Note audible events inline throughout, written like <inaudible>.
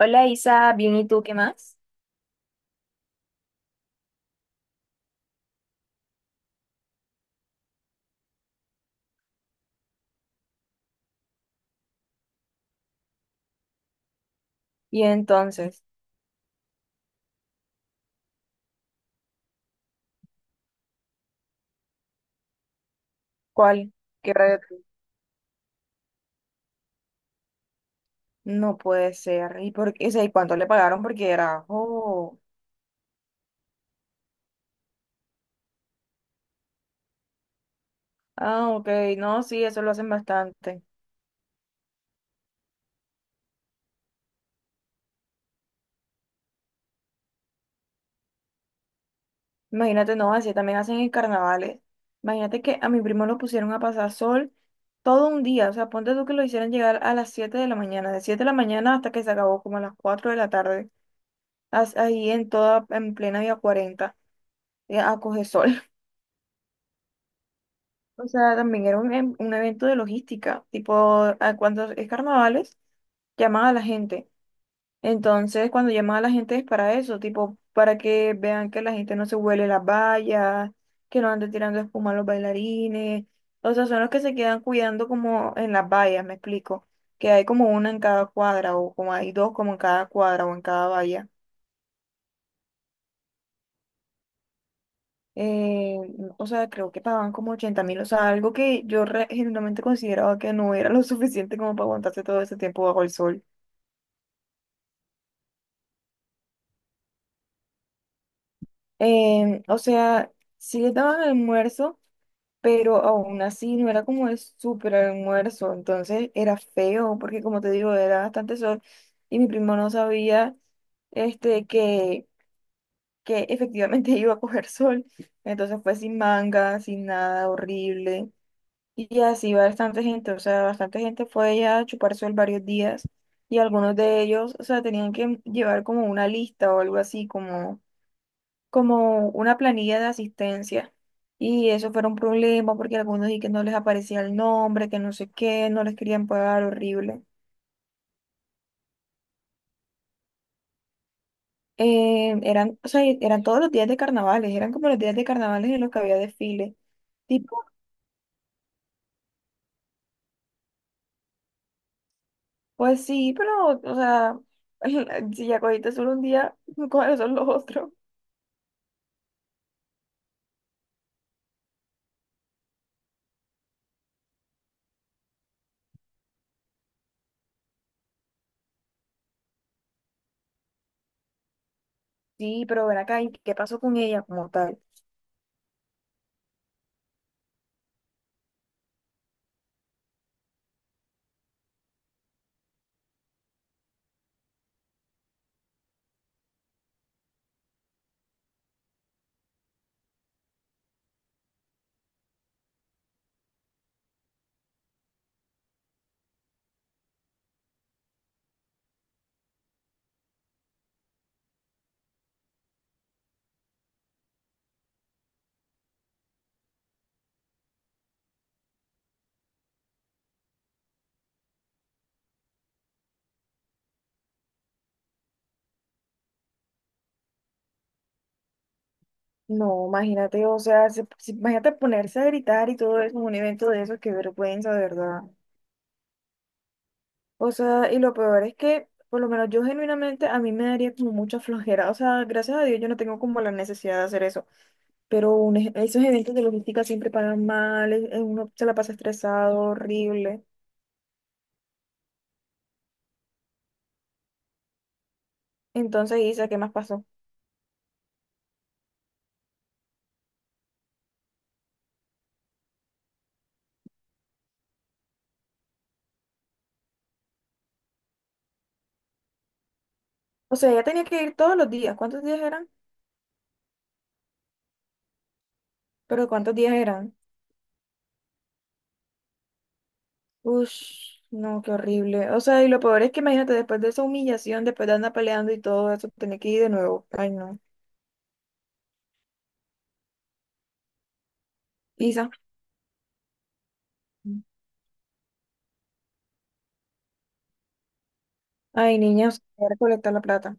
Hola Isa, bien, ¿y tú qué más? Y entonces, ¿cuál? ¿Qué reto? No puede ser. ¿Y por qué? O sea, ¿y cuánto le pagaron? Porque era, oh, ah, ok, no, sí, eso lo hacen bastante. Imagínate, no, así también hacen en carnavales. Imagínate que a mi primo lo pusieron a pasar sol todo un día. O sea, ponte tú que lo hicieran llegar a las 7 de la mañana, de 7 de la mañana hasta que se acabó como a las 4 de la tarde, ahí en toda, en plena Vía 40, a coger sol. O sea, también era un evento de logística, tipo, cuando es carnavales, llaman a la gente. Entonces, cuando llaman a la gente es para eso, tipo, para que vean que la gente no se huele las vallas, que no ande tirando espuma a los bailarines. O sea, son los que se quedan cuidando como en las vallas, me explico. Que hay como una en cada cuadra, o como hay dos como en cada cuadra o en cada valla. eh, o sea, creo que pagaban como 80.000, o sea, algo que yo genuinamente consideraba que no era lo <laughs> suficiente como para aguantarse todo ese tiempo bajo el sol. O sea, sí les daban almuerzo, pero aún así no era como el súper almuerzo, entonces era feo, porque como te digo, era bastante sol y mi primo no sabía este, que efectivamente <laughs> iba a coger sol, entonces fue sin manga, sin nada, horrible. Y así bastante gente, o sea, bastante gente fue allá a chupar sol varios días y algunos de ellos, o sea, tenían que llevar como una lista o algo así, como, como una planilla de asistencia. Y eso fue un problema porque algunos y que no les aparecía el nombre, que no sé qué, no les querían pagar, horrible. Eran, o sea, eran todos los días de carnavales, eran como los días de carnavales en los que había desfile. Tipo, pues sí, pero, o sea, <laughs> si ya cogiste solo un día, <laughs> ¿cuáles son los otros? Sí, pero ven acá, ¿y qué pasó con ella como tal? No, imagínate, o sea, imagínate ponerse a gritar y todo eso en un evento de esos, qué vergüenza, de verdad. O sea, y lo peor es que, por lo menos yo genuinamente, a mí me daría como mucha flojera. O sea, gracias a Dios yo no tengo como la necesidad de hacer eso. Pero esos eventos de logística siempre pagan mal, uno se la pasa estresado, horrible. Entonces, Isa, ¿qué más pasó? O sea, ella tenía que ir todos los días. ¿Cuántos días eran? Pero ¿cuántos días eran? Ush, no, qué horrible. O sea, y lo peor es que imagínate, después de esa humillación, después de andar peleando y todo eso, tener que ir de nuevo. Ay, no. Isa. Ay, niños, voy a recolectar la plata.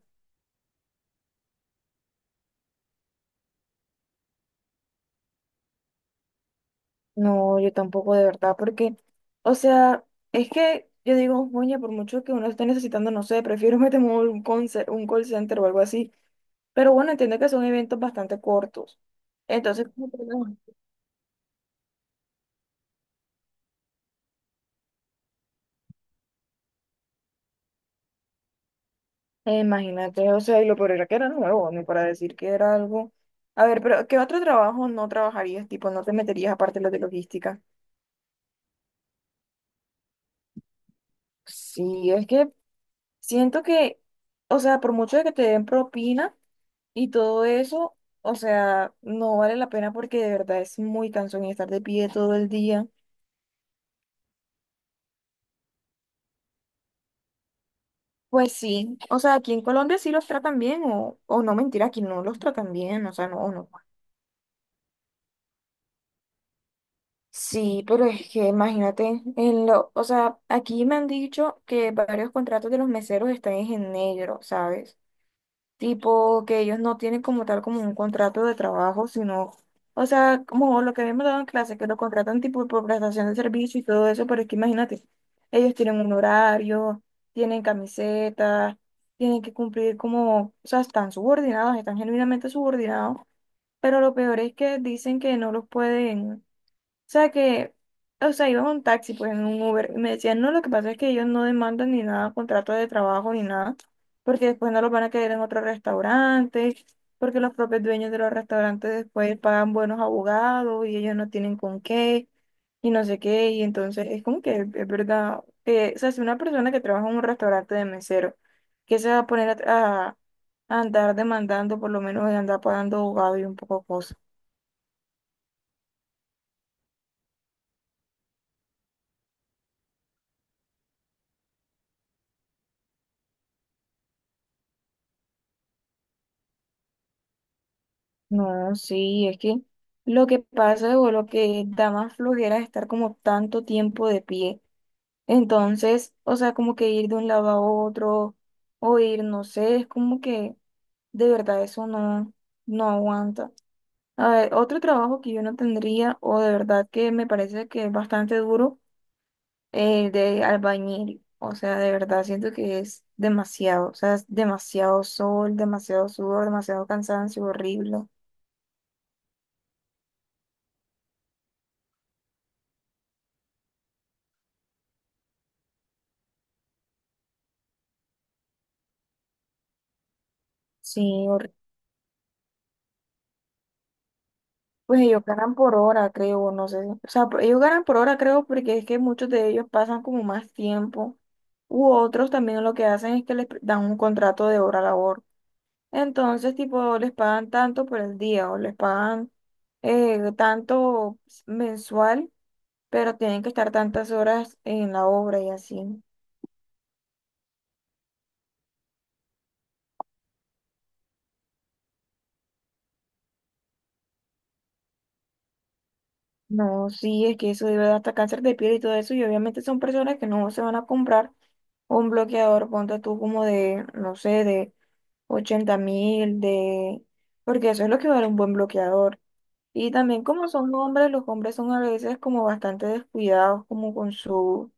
No, yo tampoco, de verdad, porque, o sea, es que yo digo, oye, por mucho que uno esté necesitando, no sé, prefiero <laughs> meterme a un call center o algo así. Pero bueno, entiendo que son eventos bastante cortos. Entonces, imagínate, o sea, y lo peor era que era nuevo, ni para decir que era algo. A ver, pero ¿qué otro trabajo no trabajarías? Tipo, no te meterías aparte de los de logística. Sí, es que siento que, o sea, por mucho de que te den propina y todo eso, o sea, no vale la pena porque de verdad es muy cansón y estar de pie todo el día. Pues sí, o sea, aquí en Colombia sí los tratan bien, o no mentira, aquí no los tratan bien, o sea, no, no. Sí, pero es que imagínate, o sea, aquí me han dicho que varios contratos de los meseros están en negro, ¿sabes? Tipo que ellos no tienen como tal como un contrato de trabajo, sino, o sea, como lo que habíamos dado en clase, que lo contratan tipo por prestación de servicio y todo eso, pero es que imagínate, ellos tienen un horario, tienen camisetas, tienen que cumplir como, o sea, están subordinados, están genuinamente subordinados, pero lo peor es que dicen que no los pueden sea que, o sea, iba en un taxi, pues en un Uber, y me decían, no, lo que pasa es que ellos no demandan ni nada, contrato de trabajo ni nada, porque después no los van a querer en otro restaurante, porque los propios dueños de los restaurantes después pagan buenos abogados y ellos no tienen con qué, y no sé qué, y entonces es como que es verdad, que, o sea, si una persona que trabaja en un restaurante de mesero, que se va a poner a andar demandando, por lo menos de andar pagando abogado y un poco cosas. No, sí, es que lo que pasa o lo que da más flojera es estar como tanto tiempo de pie. Entonces, o sea, como que ir de un lado a otro o ir, no sé, es como que de verdad eso no, no aguanta. A ver, otro trabajo que yo no tendría o de verdad que me parece que es bastante duro, el de albañil. O sea, de verdad siento que es demasiado, o sea, es demasiado sol, demasiado sudor, demasiado cansancio, horrible. Sí. Pues ellos ganan por hora, creo, no sé. O sea, ellos ganan por hora, creo, porque es que muchos de ellos pasan como más tiempo. U otros también lo que hacen es que les dan un contrato de hora labor. Entonces, tipo, les pagan tanto por el día o les pagan tanto mensual, pero tienen que estar tantas horas en la obra y así. No, sí, es que eso debe dar hasta cáncer de piel y todo eso, y obviamente son personas que no se van a comprar un bloqueador, ponte tú como de, no sé, de 80.000 de. Porque eso es lo que vale un buen bloqueador. Y también como son hombres, los hombres son a veces como bastante descuidados, como con su,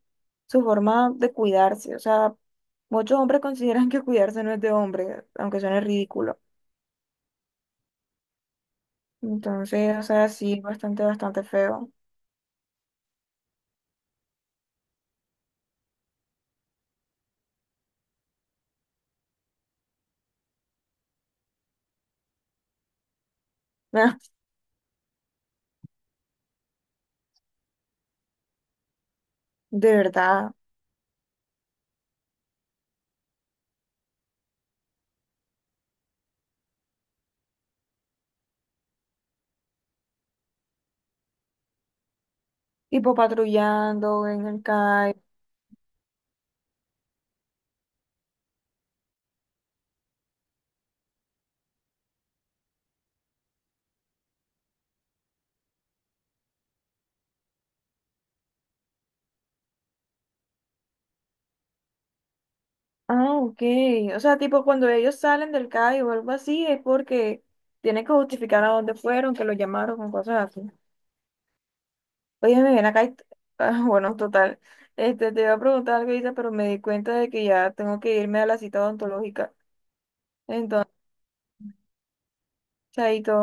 su forma de cuidarse. O sea, muchos hombres consideran que cuidarse no es de hombre, aunque suene ridículo. Entonces, o sea, sí, bastante, bastante feo. <laughs> De verdad. Tipo patrullando en el calle. Ah, ok. O sea, tipo cuando ellos salen del CAI o algo así, es porque tienen que justificar a dónde fueron, que los llamaron con cosas así. Oye, me ven acá y ah, <laughs> bueno, total. Este, te iba a preguntar algo, Isa, pero me di cuenta de que ya tengo que irme a la cita odontológica. Entonces, chaito.